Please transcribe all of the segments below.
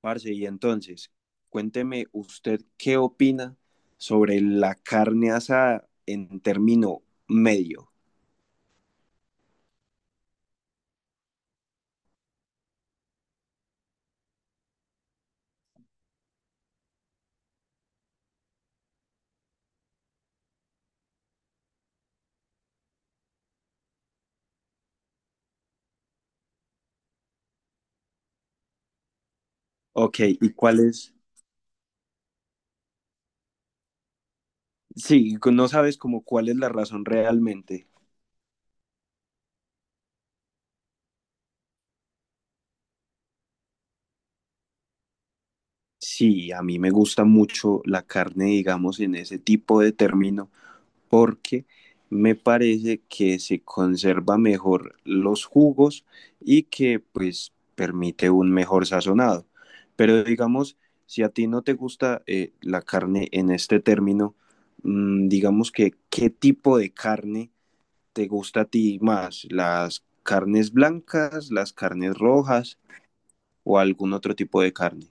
Parce, y entonces, cuénteme usted qué opina sobre la carne asada en término medio. Ok, ¿y cuál es? Sí, no sabes como cuál es la razón realmente. Sí, a mí me gusta mucho la carne, digamos, en ese tipo de término, porque me parece que se conserva mejor los jugos y que pues permite un mejor sazonado. Pero digamos, si a ti no te gusta la carne en este término, digamos que qué tipo de carne te gusta a ti más, las carnes blancas, las carnes rojas o algún otro tipo de carne.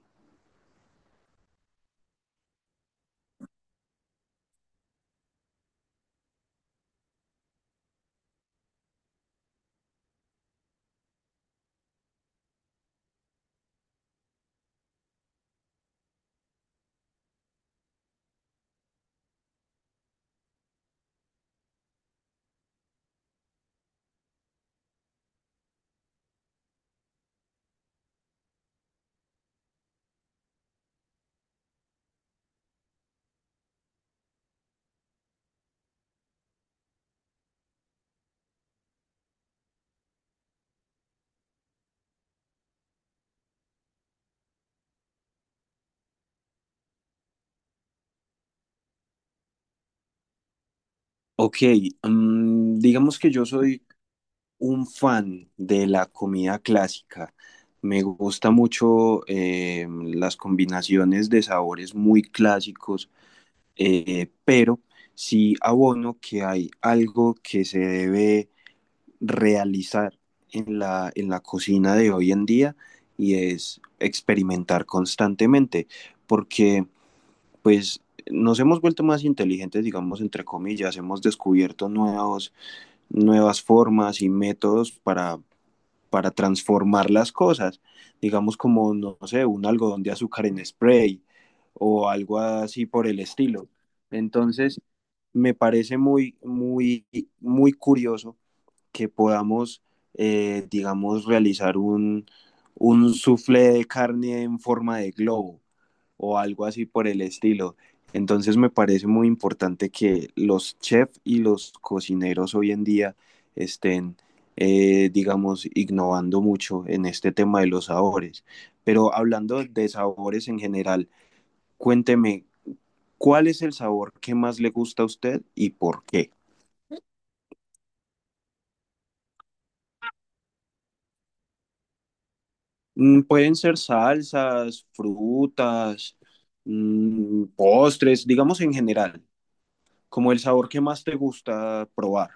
Ok, digamos que yo soy un fan de la comida clásica. Me gusta mucho las combinaciones de sabores muy clásicos, pero sí abono que hay algo que se debe realizar en en la cocina de hoy en día y es experimentar constantemente, porque pues nos hemos vuelto más inteligentes, digamos, entre comillas, hemos descubierto nuevos, nuevas formas y métodos para transformar las cosas, digamos como, no sé, un algodón de azúcar en spray o algo así por el estilo. Entonces, me parece muy, muy, muy curioso que podamos, digamos, realizar un soufflé de carne en forma de globo o algo así por el estilo. Entonces me parece muy importante que los chefs y los cocineros hoy en día estén, digamos, innovando mucho en este tema de los sabores. Pero hablando de sabores en general, cuénteme, ¿cuál es el sabor que más le gusta a usted y por qué? Mm, pueden ser salsas, frutas, mm, postres, digamos en general, como el sabor que más te gusta probar.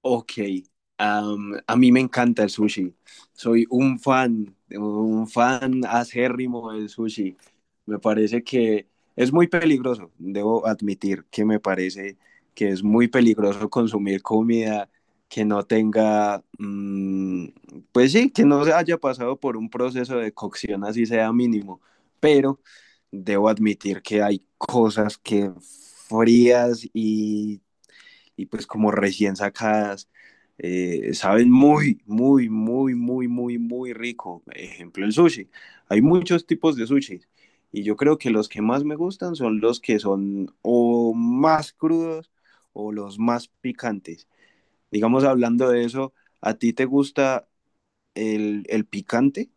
Ok, a mí me encanta el sushi. Soy un fan acérrimo del sushi. Me parece que es muy peligroso, debo admitir que me parece que es muy peligroso consumir comida que no tenga, pues sí, que no se haya pasado por un proceso de cocción así sea mínimo. Pero debo admitir que hay cosas que frías y pues como recién sacadas, saben muy, muy, muy, muy, muy, muy rico. Ejemplo, el sushi. Hay muchos tipos de sushi y yo creo que los que más me gustan son los que son o más crudos o los más picantes. Digamos, hablando de eso, ¿a ti te gusta el picante?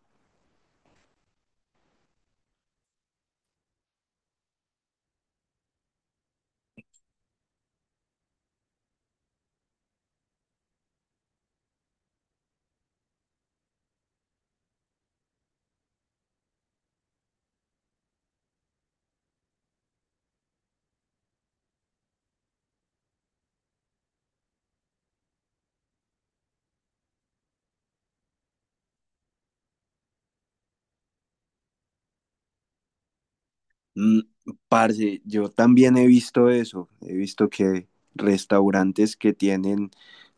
Mm, parce, yo también he visto eso, he visto que restaurantes que tienen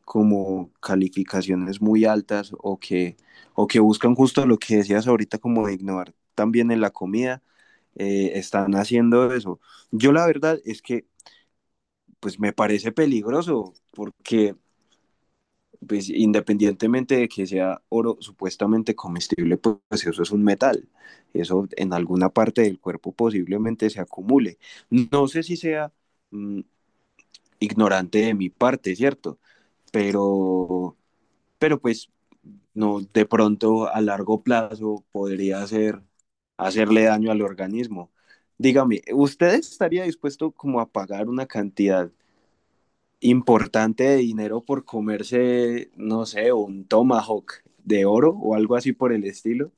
como calificaciones muy altas o que buscan justo lo que decías ahorita, como de innovar también en la comida, están haciendo eso. Yo la verdad es que pues me parece peligroso porque pues independientemente de que sea oro supuestamente comestible, pues eso es un metal. Eso en alguna parte del cuerpo posiblemente se acumule. No sé si sea mm, ignorante de mi parte, ¿cierto? Pero, pero pues no, de pronto a largo plazo podría hacer, hacerle daño al organismo. Dígame, ¿usted estaría dispuesto como a pagar una cantidad importante de dinero por comerse, no sé, un tomahawk de oro o algo así por el estilo?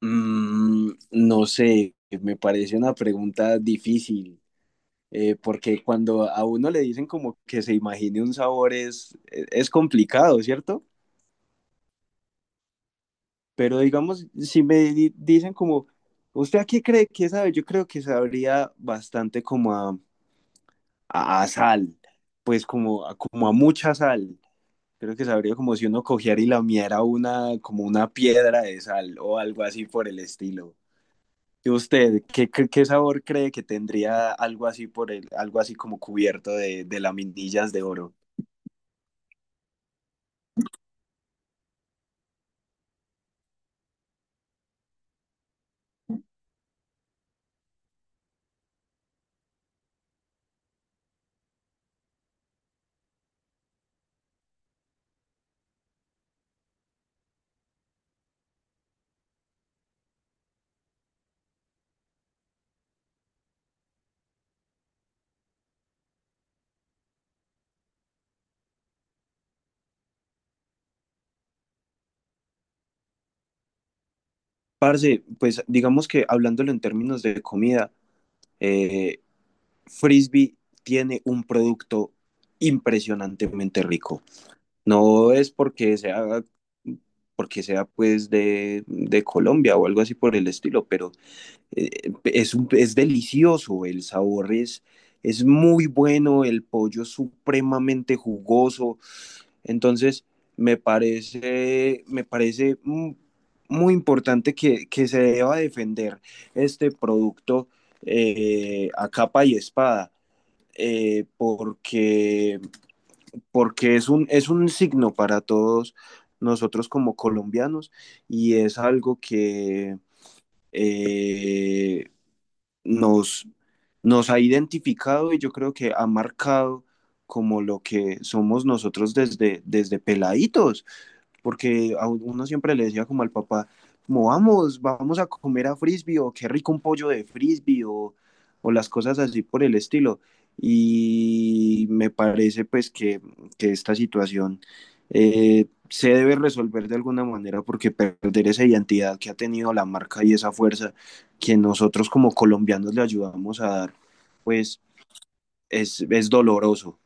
Mm, no sé, me parece una pregunta difícil, porque cuando a uno le dicen como que se imagine un sabor es complicado, ¿cierto? Pero digamos, si me di- dicen como, ¿usted a qué cree que sabe? Yo creo que sabría bastante como a, a sal, pues como, como a mucha sal. Creo que sabría como si uno cogiera y lamiera una, como una piedra de sal o algo así por el estilo. ¿Y usted qué, qué, qué sabor cree que tendría algo así por el, algo así como cubierto de laminillas de oro? Parce, pues digamos que hablándolo en términos de comida, eh, Frisbee tiene un producto impresionantemente rico. No es porque sea pues de Colombia o algo así por el estilo, pero es delicioso, el sabor es muy bueno, el pollo es supremamente jugoso, entonces me parece muy importante que se deba defender este producto a capa y espada, porque, porque es un signo para todos nosotros como colombianos y es algo que... eh, nos, nos ha identificado y yo creo que ha marcado como lo que somos nosotros desde, desde peladitos porque a uno siempre le decía como al papá, como vamos, vamos a comer a frisbee o qué rico un pollo de frisbee o las cosas así por el estilo. Y me parece pues que esta situación se debe resolver de alguna manera porque perder esa identidad que ha tenido la marca y esa fuerza que nosotros como colombianos le ayudamos a dar, pues es doloroso.